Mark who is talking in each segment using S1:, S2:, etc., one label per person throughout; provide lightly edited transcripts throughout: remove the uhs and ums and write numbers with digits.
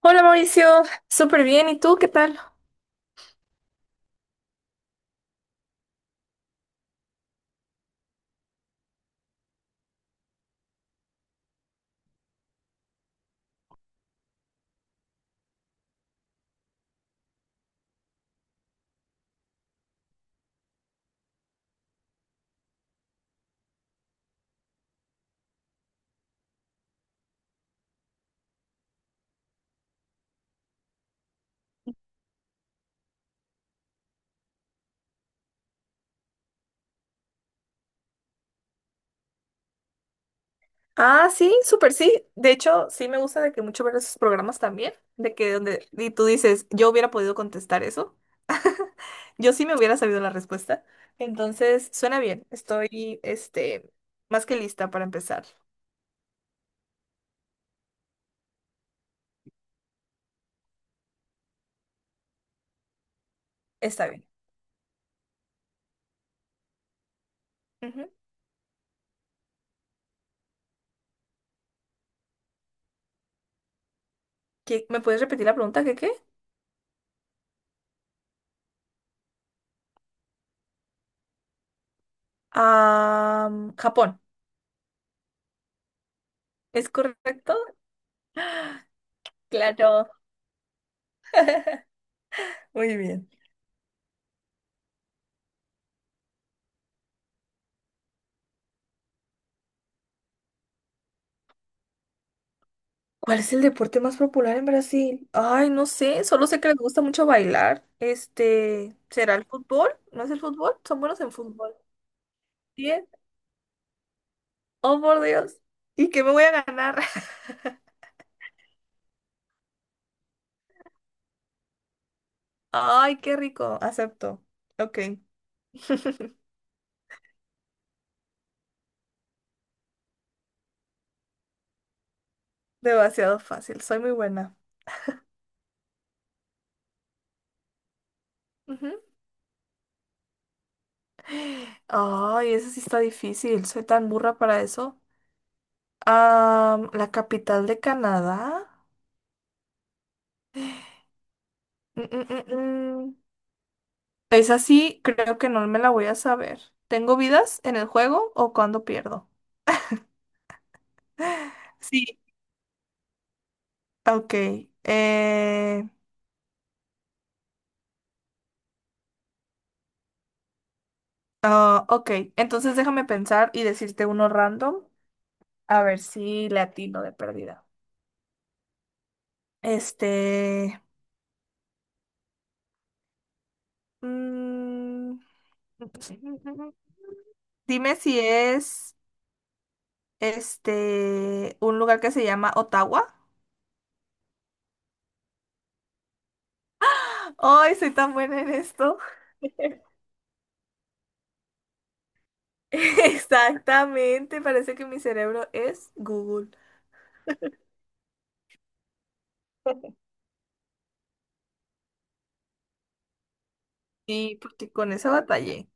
S1: Hola Mauricio, súper bien. ¿Y tú qué tal? Ah, sí, súper sí. De hecho, sí me gusta de que mucho ver esos programas también, de que donde y tú dices, yo hubiera podido contestar eso. Yo sí me hubiera sabido la respuesta. Entonces, suena bien. Estoy, más que lista para empezar. Está bien. Ujú. ¿Me puedes repetir la pregunta? ¿Qué? Ah, Japón. ¿Es correcto? Claro. Muy bien. ¿Cuál es el deporte más popular en Brasil? Ay, no sé, solo sé que les gusta mucho bailar. ¿Será el fútbol? ¿No es el fútbol? Son buenos en fútbol. Bien. Oh, por Dios. ¿Y qué me voy a ganar? Ay, qué rico. Acepto. Ok. Demasiado fácil. Soy muy buena. Ujú. Ay, eso sí está difícil. Soy tan burra para eso. La capital de Canadá. Mm, mm, mm, mm. Es así, creo que no me la voy a saber. ¿Tengo vidas en el juego o cuando pierdo? Sí. Ok. eh, ah, ok, entonces déjame pensar y decirte uno random. A ver si le atino de pérdida. Este. mm, dime si es un lugar que se llama Ottawa. Ay, soy tan buena en esto. Exactamente, parece que mi cerebro es Google. Sí, porque con esa batallé.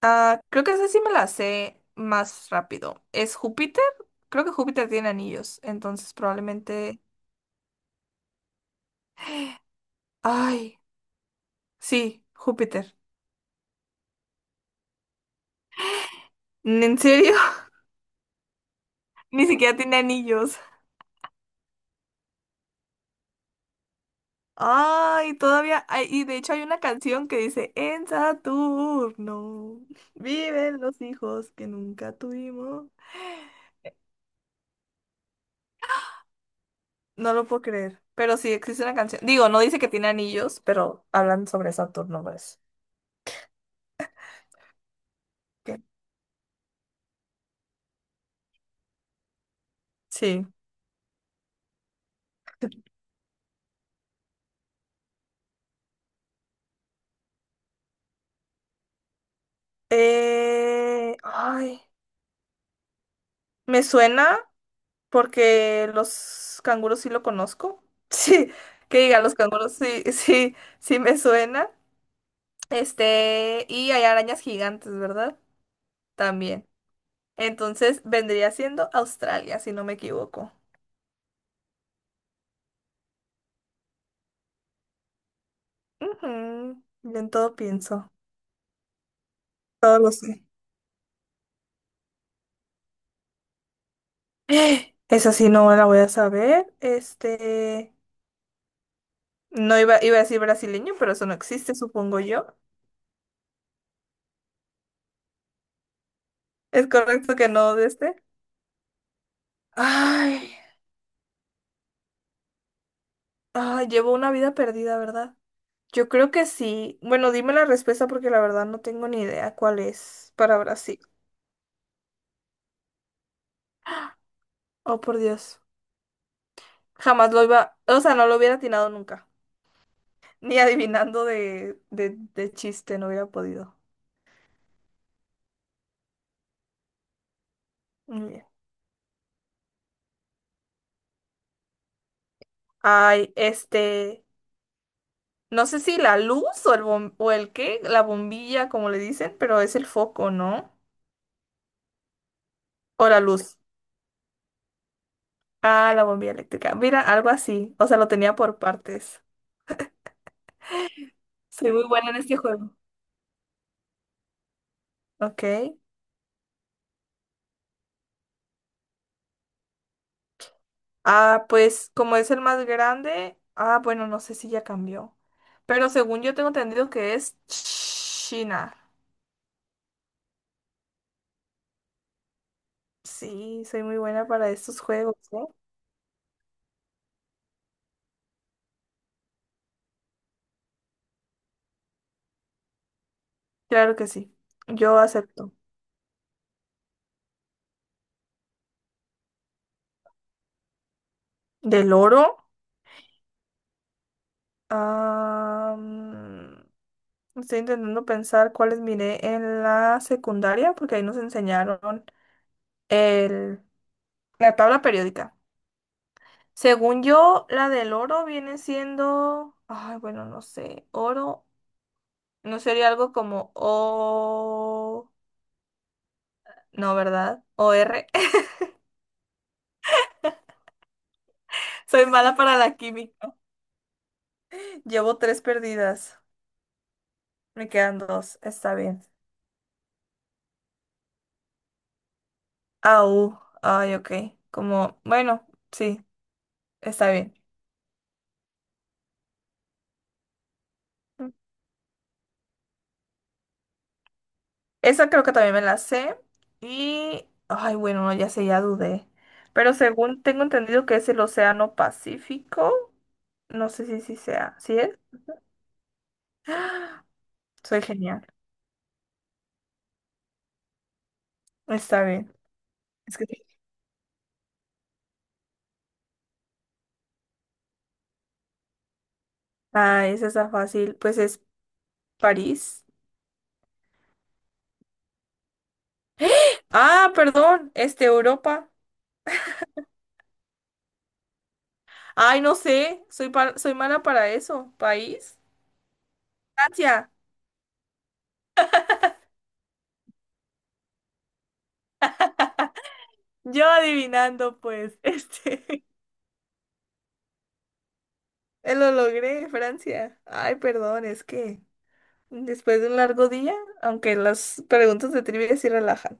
S1: Ah, creo que esa sí me la sé más rápido. ¿Es Júpiter? Creo que Júpiter tiene anillos, entonces probablemente... Ay, sí, Júpiter. ¿En serio? Ni siquiera tiene anillos. Y de hecho hay una canción que dice: "En Saturno viven los hijos que nunca tuvimos". No lo puedo creer, pero sí existe una canción. Digo, no dice que tiene anillos, pero hablan sobre Saturno, pues. ¿Qué? Sí. Ay, me suena porque los canguros sí lo conozco. Sí, los canguros sí me suena. Y hay arañas gigantes, ¿verdad? También. Entonces vendría siendo Australia, si no me equivoco. Ujú, yo en todo pienso, todo lo sé. Esa sí no la voy a saber. No iba, iba a decir brasileño, pero eso no existe, supongo yo. Es correcto que no de este. Ay, ay, llevo una vida perdida, ¿verdad? Yo creo que sí. Bueno, dime la respuesta porque la verdad no tengo ni idea cuál es para Brasil. Oh, por Dios. Jamás lo iba, o sea, no lo hubiera atinado nunca. Ni adivinando de chiste, no hubiera podido. Muy bien. Ay, este, no sé si la luz o el, o el qué, la bombilla, como le dicen, pero es el foco, ¿no? O la luz. Ah, la bombilla eléctrica. Mira, algo así. O sea, lo tenía por partes. Soy muy buena en este juego. Ok. Ah, pues como es el más grande, ah, bueno, no sé si ya cambió. Pero según yo tengo entendido que es China. Sí, soy muy buena para estos juegos, ¿eh? Claro que sí. Yo acepto. ¿Del oro? Ah, mm, estoy intentando pensar cuáles miré en la secundaria, porque ahí nos enseñaron el, la tabla periódica. Según yo, la del oro viene siendo, ay, bueno, no sé, oro. ¿No sería algo como O? No, ¿verdad? ¿O R? Soy mala para la química. Llevo tres perdidas. Me quedan dos. Está bien. Au. Ay, ok. Como, bueno, sí, está bien. Esa creo que también me la sé. Y, ay, bueno, no, ya sé, ya dudé. Pero según tengo entendido que es el Océano Pacífico. No sé si sí sea. ¿Sí es? Soy genial. Está bien. Es que sí. Ay, esa está fácil. Pues es París. Ah, perdón, Europa. Ay, no sé, soy, soy mala para eso. ¿País? Francia. Yo adivinando, pues, lo logré, Francia. Ay, perdón, es que después de un largo día, aunque las preguntas de trivia sí relajan,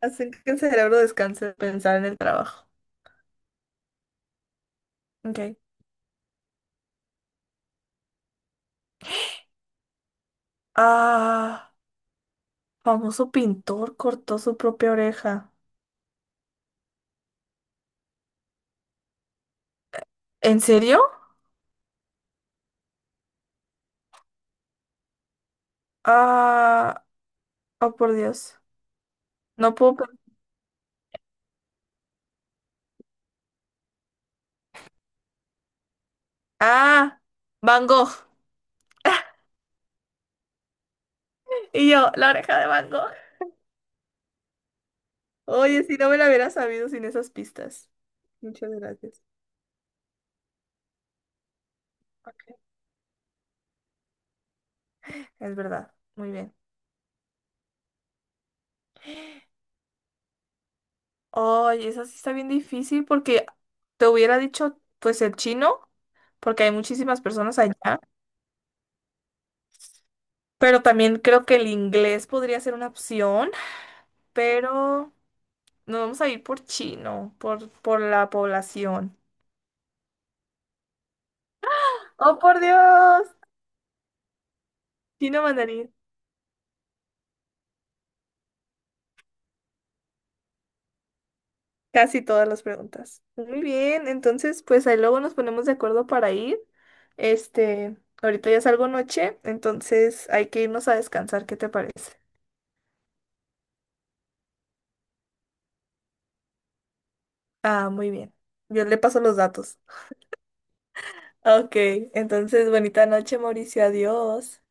S1: hacen que el cerebro descanse de pensar en el trabajo. Ok. Ah, famoso pintor cortó su propia oreja. ¿En serio? Ah, oh por Dios. No puedo. Ah, Van Gogh. Y yo, la oreja de Van Gogh. Oye, si no me la hubiera sabido sin esas pistas. Muchas gracias. Es verdad. Muy bien. Oye, esa sí está bien difícil porque te hubiera dicho, pues, el chino, porque hay muchísimas personas allá. Pero también creo que el inglés podría ser una opción. Pero nos vamos a ir por chino, por la población. ¡Oh, por Dios! Chino mandarín. Casi todas las preguntas. Muy bien, entonces pues ahí luego nos ponemos de acuerdo para ir. Este, ahorita ya salgo noche, entonces hay que irnos a descansar, ¿qué te parece? Ah, muy bien. Yo le paso los datos. Ok, entonces bonita noche, Mauricio, adiós.